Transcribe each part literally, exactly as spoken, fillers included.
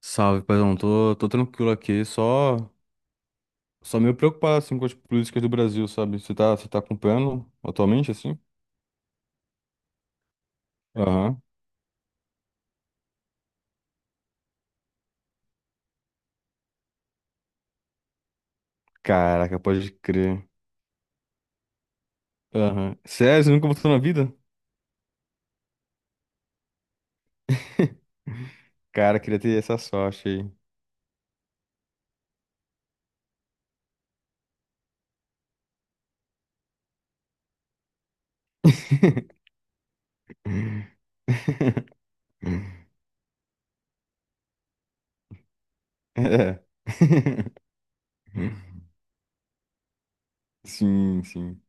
Salve, paizão. Tô, tô tranquilo aqui, só, só meio preocupado assim, com as políticas do Brasil, sabe? Você tá, você tá acompanhando atualmente, assim? Aham. Caraca, pode crer. Aham. Sério, você nunca votou na vida? Cara, queria ter essa sorte aí. É. Sim, sim.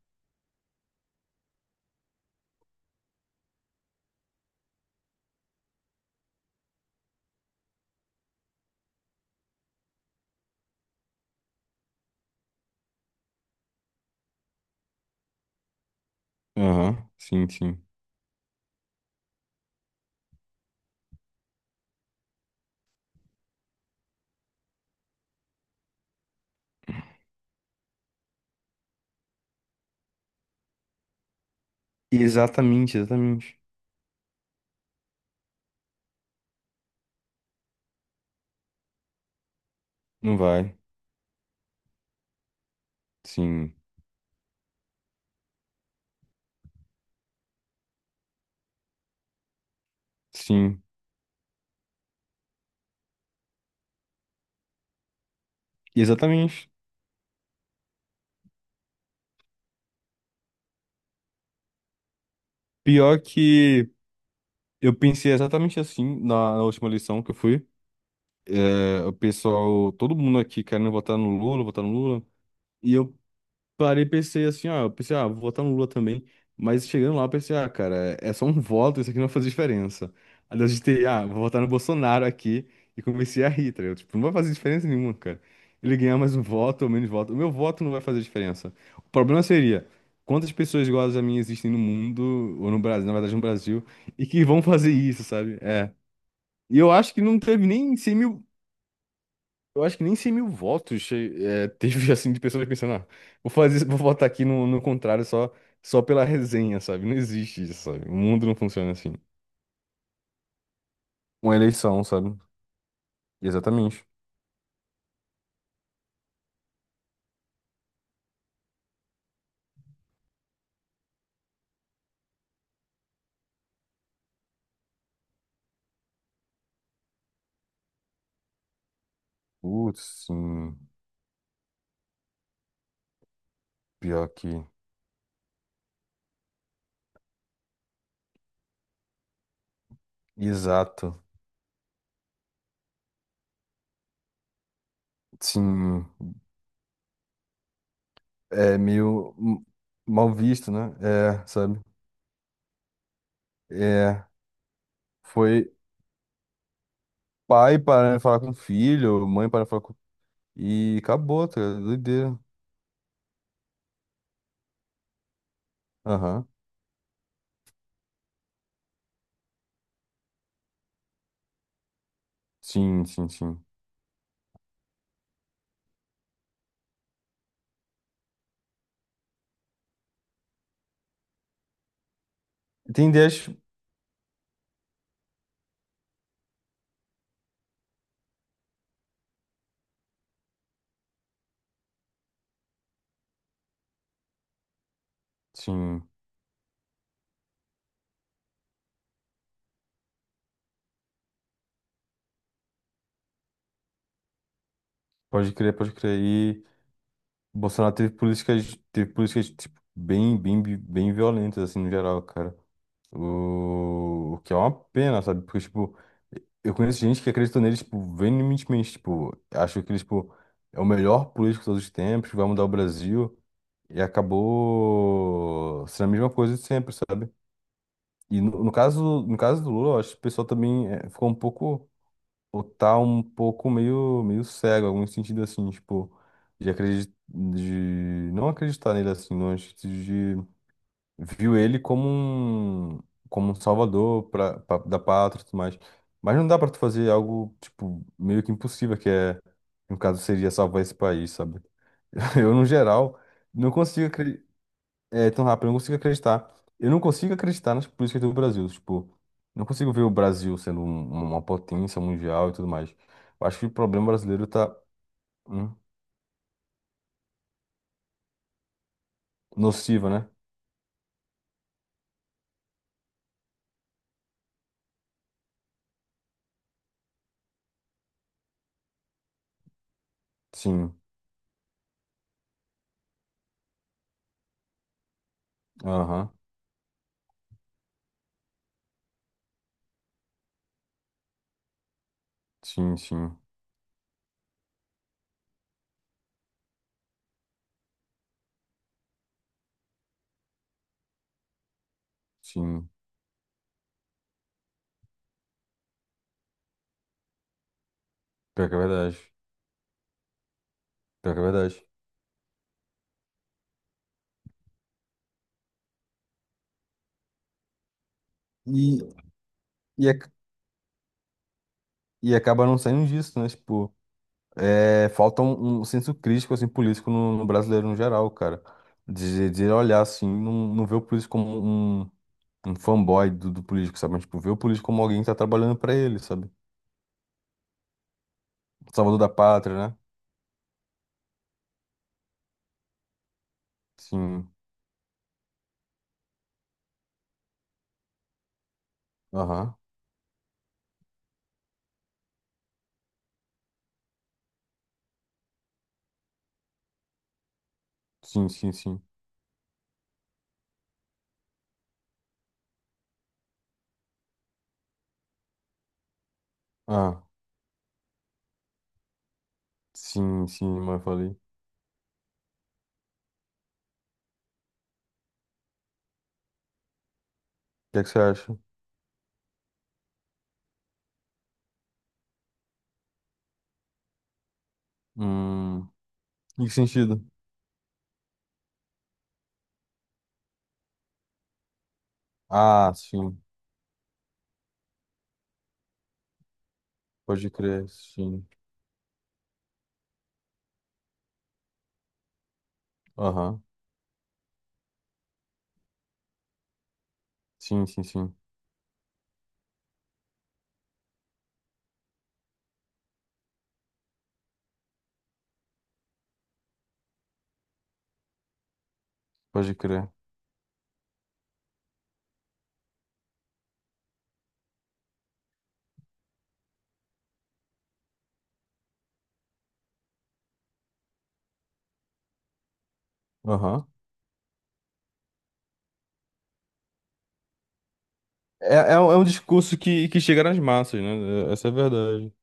Aham, sim, sim. Exatamente, exatamente. Não vai. Sim, sim. Exatamente. Pior que. Eu pensei exatamente assim na, na última eleição que eu fui. É, o pessoal, todo mundo aqui querendo votar no Lula, votar no Lula. E eu parei e pensei assim, ó, eu pensei, ah, vou votar no Lula também. Mas chegando lá, eu pensei, ah, cara, é é só um voto, isso aqui não vai fazer diferença. Aí eu digitei, ah, vou votar no Bolsonaro aqui. E comecei a rir, tá ligado? Tipo, não vai fazer diferença nenhuma, cara. Ele ganhar mais um voto ou menos voto. O meu voto não vai fazer diferença. O problema seria quantas pessoas iguais a mim existem no mundo, ou no Brasil, na verdade no Brasil, e que vão fazer isso, sabe? É. E eu acho que não teve nem cem mil. Eu acho que nem cem mil votos che- é, teve, assim, de pessoas pensando, ah, vou fazer, vou votar aqui no, no contrário só, só pela resenha, sabe? Não existe isso, sabe? O mundo não funciona assim. Uma eleição, sabe? Exatamente. Putz, sim. Pior que. Exato. Sim. É meio m- Mal visto, né? É, sabe? É. Foi pai parando de falar com o filho, mãe parando de falar com. E acabou, tá ligado? Doideira. Aham. Sim, sim, sim. Tem ideias, sim, pode crer, pode crer. E o Bolsonaro teve políticas, teve políticas tipo, bem, bem, bi- bem violentas, assim, no geral, cara. O, o que é uma pena, sabe? Porque, tipo, eu conheço gente que acreditou nele, tipo, veementemente, tipo, achou que ele, tipo, é o melhor político de todos os tempos, vai mudar o Brasil, e acabou sendo a mesma coisa de sempre, sabe? E no, no caso, no caso do Lula, eu acho que o pessoal também eh, ficou um pouco. Ou tá um pouco meio, meio cego, algum sentido assim, tipo, de acreditar, de não acreditar nele assim, não, acho de viu ele como um, como um salvador pra, pra- da pátria e tudo mais. Mas não dá pra tu fazer algo, tipo, meio que impossível, que é, no caso, seria salvar esse país, sabe? Eu, no geral, não consigo acreditar. É tão rápido, eu não consigo acreditar. Eu não consigo acreditar nas políticas do Brasil. Tipo, não consigo ver o Brasil sendo um- um, uma potência mundial e tudo mais. Eu acho que o problema brasileiro tá hum, nociva, né? Sim. Aham. Sim, sim. Sim. Pior que é verdade. Pior que é verdade. E, e, ac- e acaba não saindo disso, né? Tipo, é, falta um, um senso crítico, assim, político no, no brasileiro no geral, cara. De, de olhar, assim, não, não ver o político como um um fanboy do, do político, sabe? Mas, tipo, ver o político como alguém que tá trabalhando pra ele, sabe? Salvador da pátria, né? Sim. Aham. Sim, sim, sim. Ah, sim, sim, mas eu falei. O que é que você acha? Hum, em que sentido? Ah, sim. Pode crer, sim. Aham. Sim, sim, sim. Pode crer. Aham. É, é, um é um discurso que, que chega nas massas, né? É- essa é a verdade.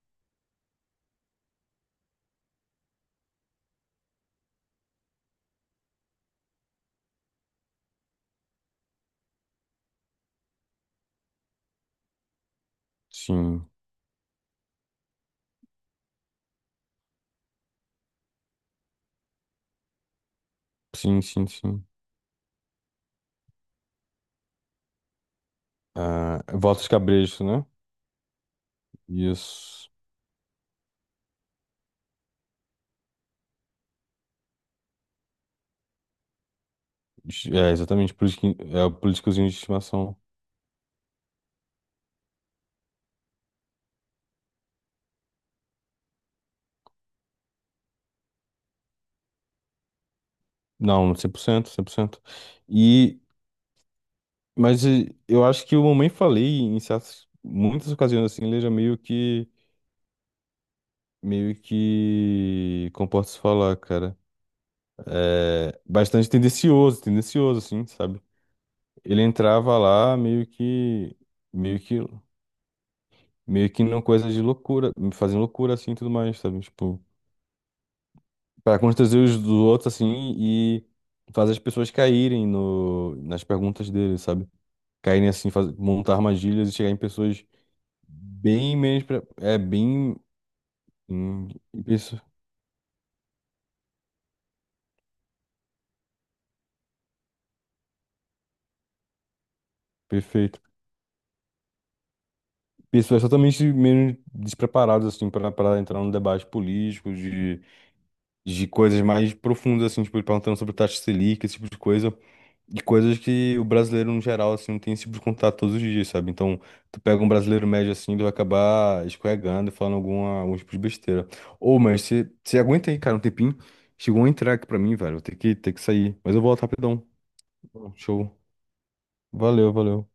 Sim, sim, sim, sim. Ah, votos cabresto, né? Isso. É, exatamente, politi- é, políticozinho de estimação. Não, cem cem por cento cem por cento. E, mas e, eu acho que o Mamãe Falei, em certas, muitas ocasiões, assim, ele já meio que, meio que, como posso falar, cara, é, bastante tendencioso, tendencioso, assim, sabe? Ele entrava lá meio que, meio que, meio que numa coisa de loucura, fazendo loucura, assim, e tudo mais, sabe? Tipo, para constranger os dos outros, assim, e fazer as pessoas caírem no, nas perguntas dele, sabe? Caírem, assim, faz, montar armadilhas e chegar em pessoas bem menos. Pra, é, bem. Hum, isso, perfeito. Pessoas totalmente menos despreparadas, assim, para para entrar no debate político, de, de coisas mais profundas, assim, tipo, ele perguntando sobre taxa Selic, esse tipo de coisa. E coisas que o brasileiro, no geral, assim, não tem esse tipo de contato todos os dias, sabe? Então, tu pega um brasileiro médio assim, ele vai acabar escorregando e falando alguma, algum tipo de besteira. Ô, mas você você aguenta aí, cara, um tempinho. Chegou um entregue pra mim, velho. Vou ter que, ter que sair. Mas eu volto rapidão. Show. Valeu, valeu.